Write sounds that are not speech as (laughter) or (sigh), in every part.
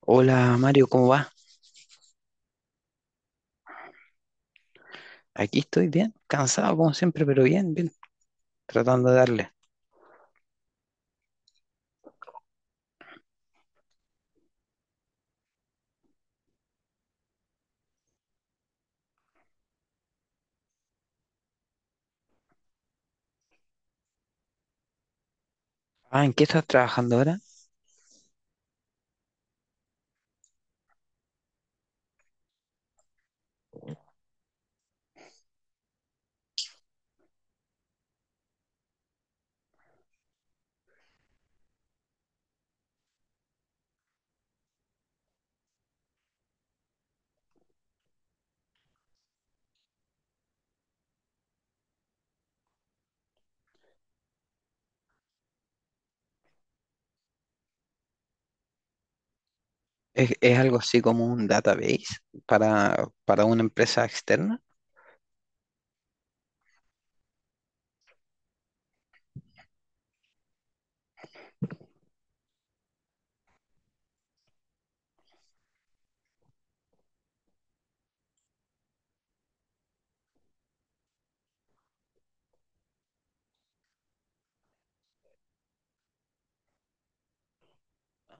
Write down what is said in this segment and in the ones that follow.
Hola Mario, ¿cómo va? Aquí estoy bien, cansado como siempre, pero bien, tratando de darle. Ah, ¿en qué estás trabajando ahora? ¿Es algo así como un database para una empresa externa?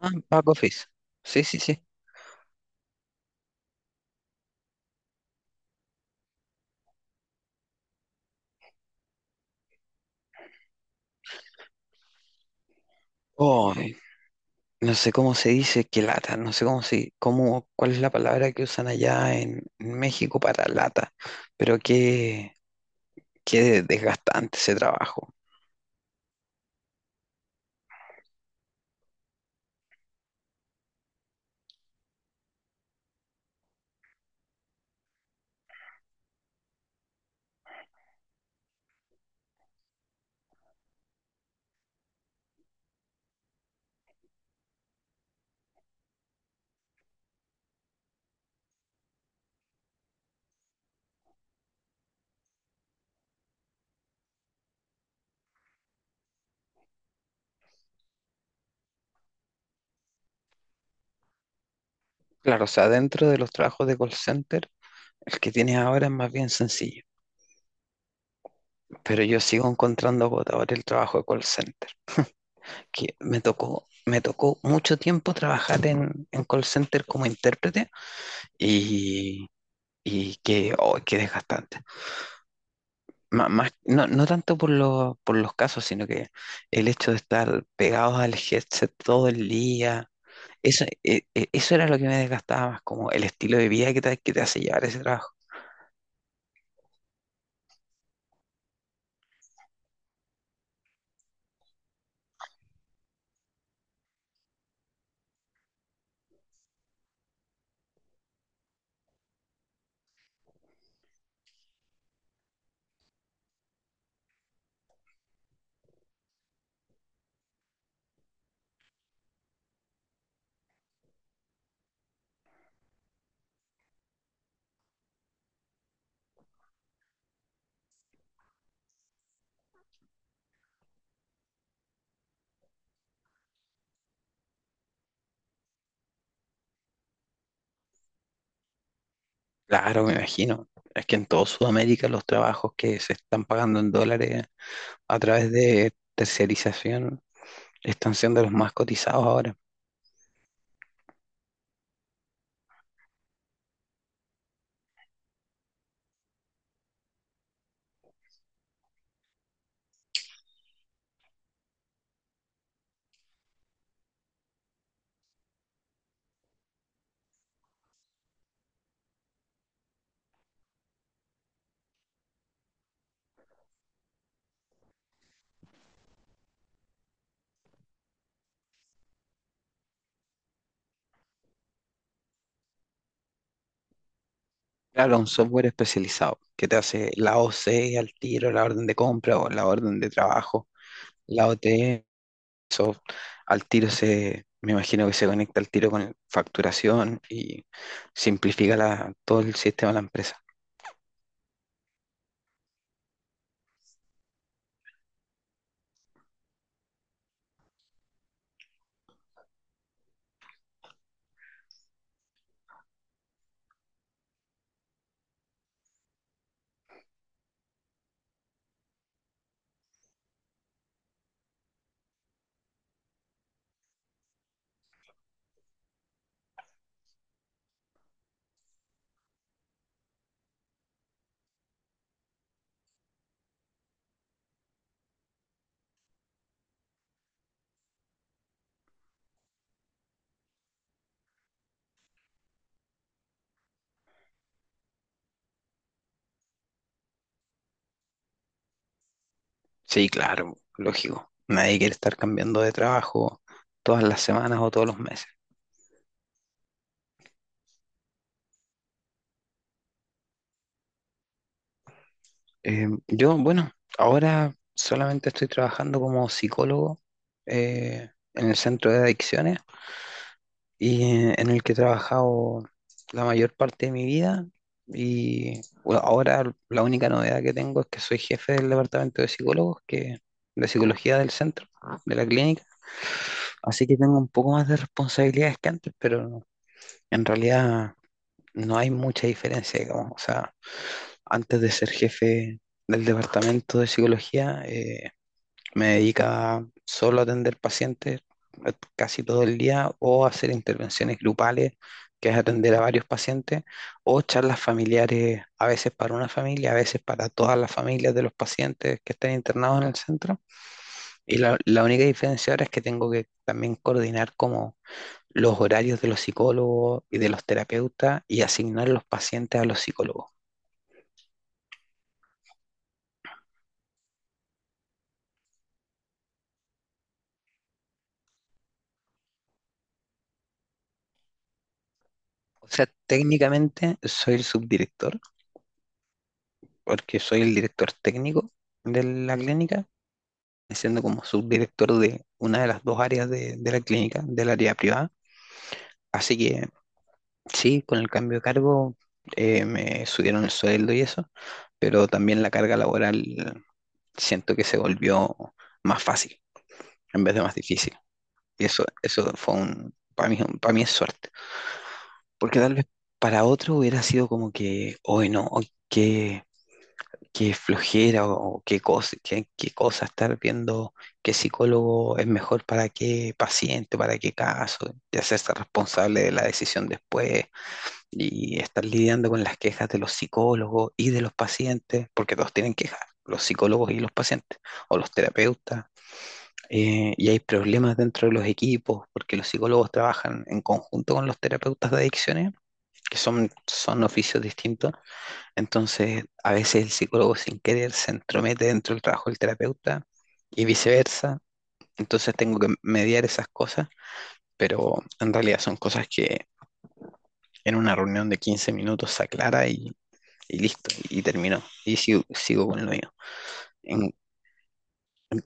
Ah, en back office. Sí, sí, sí. Oh, no sé cómo se dice que lata, no sé cómo se, cómo, cuál es la palabra que usan allá en México para lata, pero qué, qué desgastante ese trabajo. Claro, o sea, dentro de los trabajos de call center, el que tienes ahora es más bien sencillo. Pero yo sigo encontrando agotador el trabajo de call center, que me tocó mucho tiempo trabajar en call center como intérprete y, y que, oh, que desgastante. Má- más, no, no tanto por, lo- por los casos, sino que el hecho de estar pegados al headset todo el día, eso, eso era lo que me desgastaba más, como el estilo de vida que te hace llevar ese trabajo. Claro, me imagino. Es que en toda Sudamérica los trabajos que se están pagando en dólares a través de terciarización están siendo los más cotizados ahora. Claro, un software especializado que te hace la OC al tiro, la orden de compra o la orden de trabajo, la OT, eso al tiro se, me imagino que se conecta al tiro con facturación y simplifica todo el sistema de la empresa. Sí, claro, lógico. Nadie quiere estar cambiando de trabajo todas las semanas o todos los meses. Yo, bueno, ahora solamente estoy trabajando como psicólogo en el centro de adicciones y en el que he trabajado la mayor parte de mi vida. Y bueno, ahora la única novedad que tengo es que soy jefe del departamento de psicólogos, que, de psicología del centro, de la clínica. Así que tengo un poco más de responsabilidades que antes, pero en realidad no hay mucha diferencia, digamos. O sea, antes de ser jefe del departamento de psicología, me dedica solo a atender pacientes casi todo el día o a hacer intervenciones grupales, que es atender a varios pacientes, o charlas familiares, a veces para una familia, a veces para todas las familias de los pacientes que están internados en el centro. Y la única diferencia ahora es que tengo que también coordinar como los horarios de los psicólogos y de los terapeutas y asignar los pacientes a los psicólogos. O sea, técnicamente soy el subdirector, porque soy el director técnico de la clínica siendo como subdirector de una de las dos áreas de la clínica, del área privada. Así que sí, con el cambio de cargo me subieron el sueldo y eso, pero también la carga laboral siento que se volvió más fácil en vez de más difícil. Y eso fue un, para mí es suerte, porque tal vez para otro hubiera sido como que, hoy no, hoy qué, qué flojera o qué cosa, qué, qué cosa estar viendo qué psicólogo es mejor para qué paciente, para qué caso, y hacerse responsable de la decisión después y estar lidiando con las quejas de los psicólogos y de los pacientes, porque todos tienen quejas, los psicólogos y los pacientes, o los terapeutas. Y hay problemas dentro de los equipos, porque los psicólogos trabajan en conjunto con los terapeutas de adicciones, que son, son oficios distintos entonces, a veces el psicólogo sin querer se entromete dentro del trabajo del terapeuta y viceversa. Entonces tengo que mediar esas cosas, pero en realidad son cosas que en una reunión de 15 minutos se aclara y listo, y terminó. Y sigo con lo mío. en-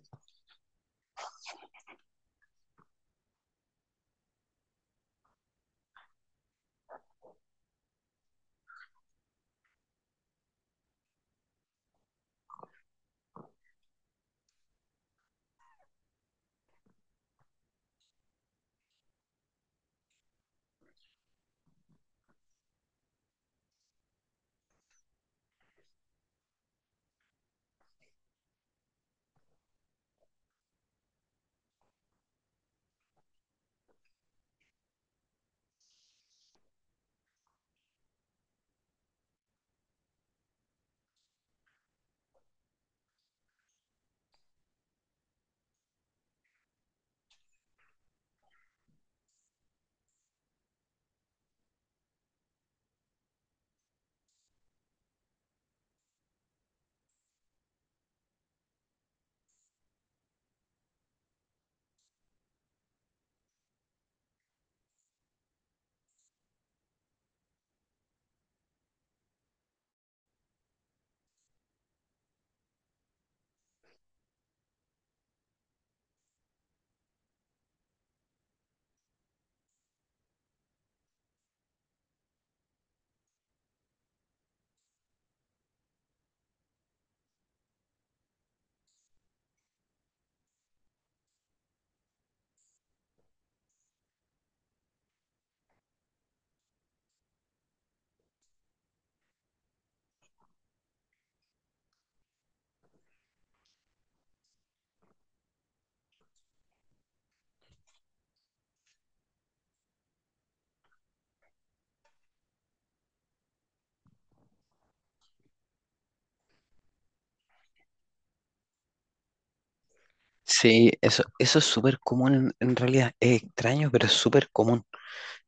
sí, eso es súper común en realidad. Es extraño, pero es súper común.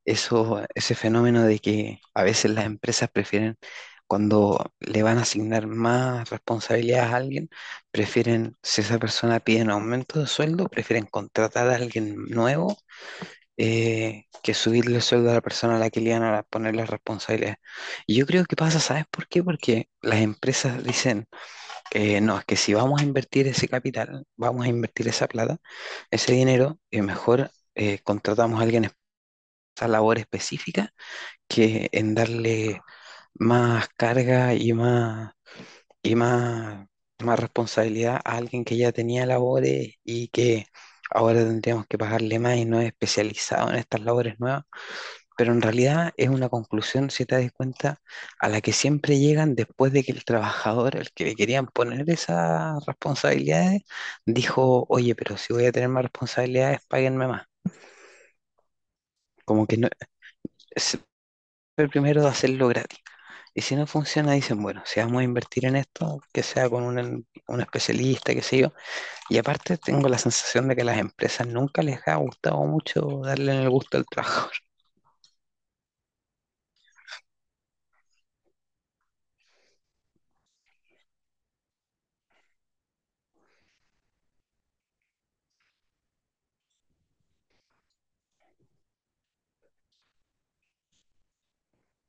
Eso, ese fenómeno de que a veces las empresas prefieren, cuando le van a asignar más responsabilidades a alguien, prefieren, si esa persona pide un aumento de sueldo, prefieren contratar a alguien nuevo que subirle el sueldo a la persona a la que le iban a poner las responsabilidades. Y yo creo que pasa, ¿sabes por qué? Porque las empresas dicen, no, es que si vamos a invertir ese capital, vamos a invertir esa plata, ese dinero, mejor contratamos a alguien esa labor específica que en darle más carga y más responsabilidad a alguien que ya tenía labores y que ahora tendríamos que pagarle más y no es especializado en estas labores nuevas. Pero en realidad es una conclusión, si te das cuenta, a la que siempre llegan después de que el trabajador, el que le querían poner esas responsabilidades, dijo, oye, pero si voy a tener más responsabilidades, páguenme más. Como que no, es el primero de hacerlo gratis. Y si no funciona, dicen, bueno, si vamos a invertir en esto, que sea con un especialista, qué sé yo. Y aparte tengo la sensación de que a las empresas nunca les ha gustado mucho darle el gusto al trabajador. (laughs)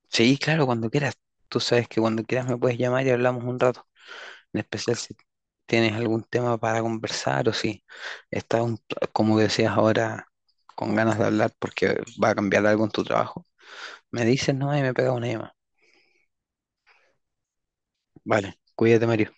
Sí, claro, cuando quieras. Tú sabes que cuando quieras me puedes llamar y hablamos un rato. En especial si tienes algún tema para conversar o si estás, un- como decías ahora, con ganas de hablar porque va a cambiar algo en tu trabajo. Me dices, no, y me pega una llamada. Vale, cuídate, Mario.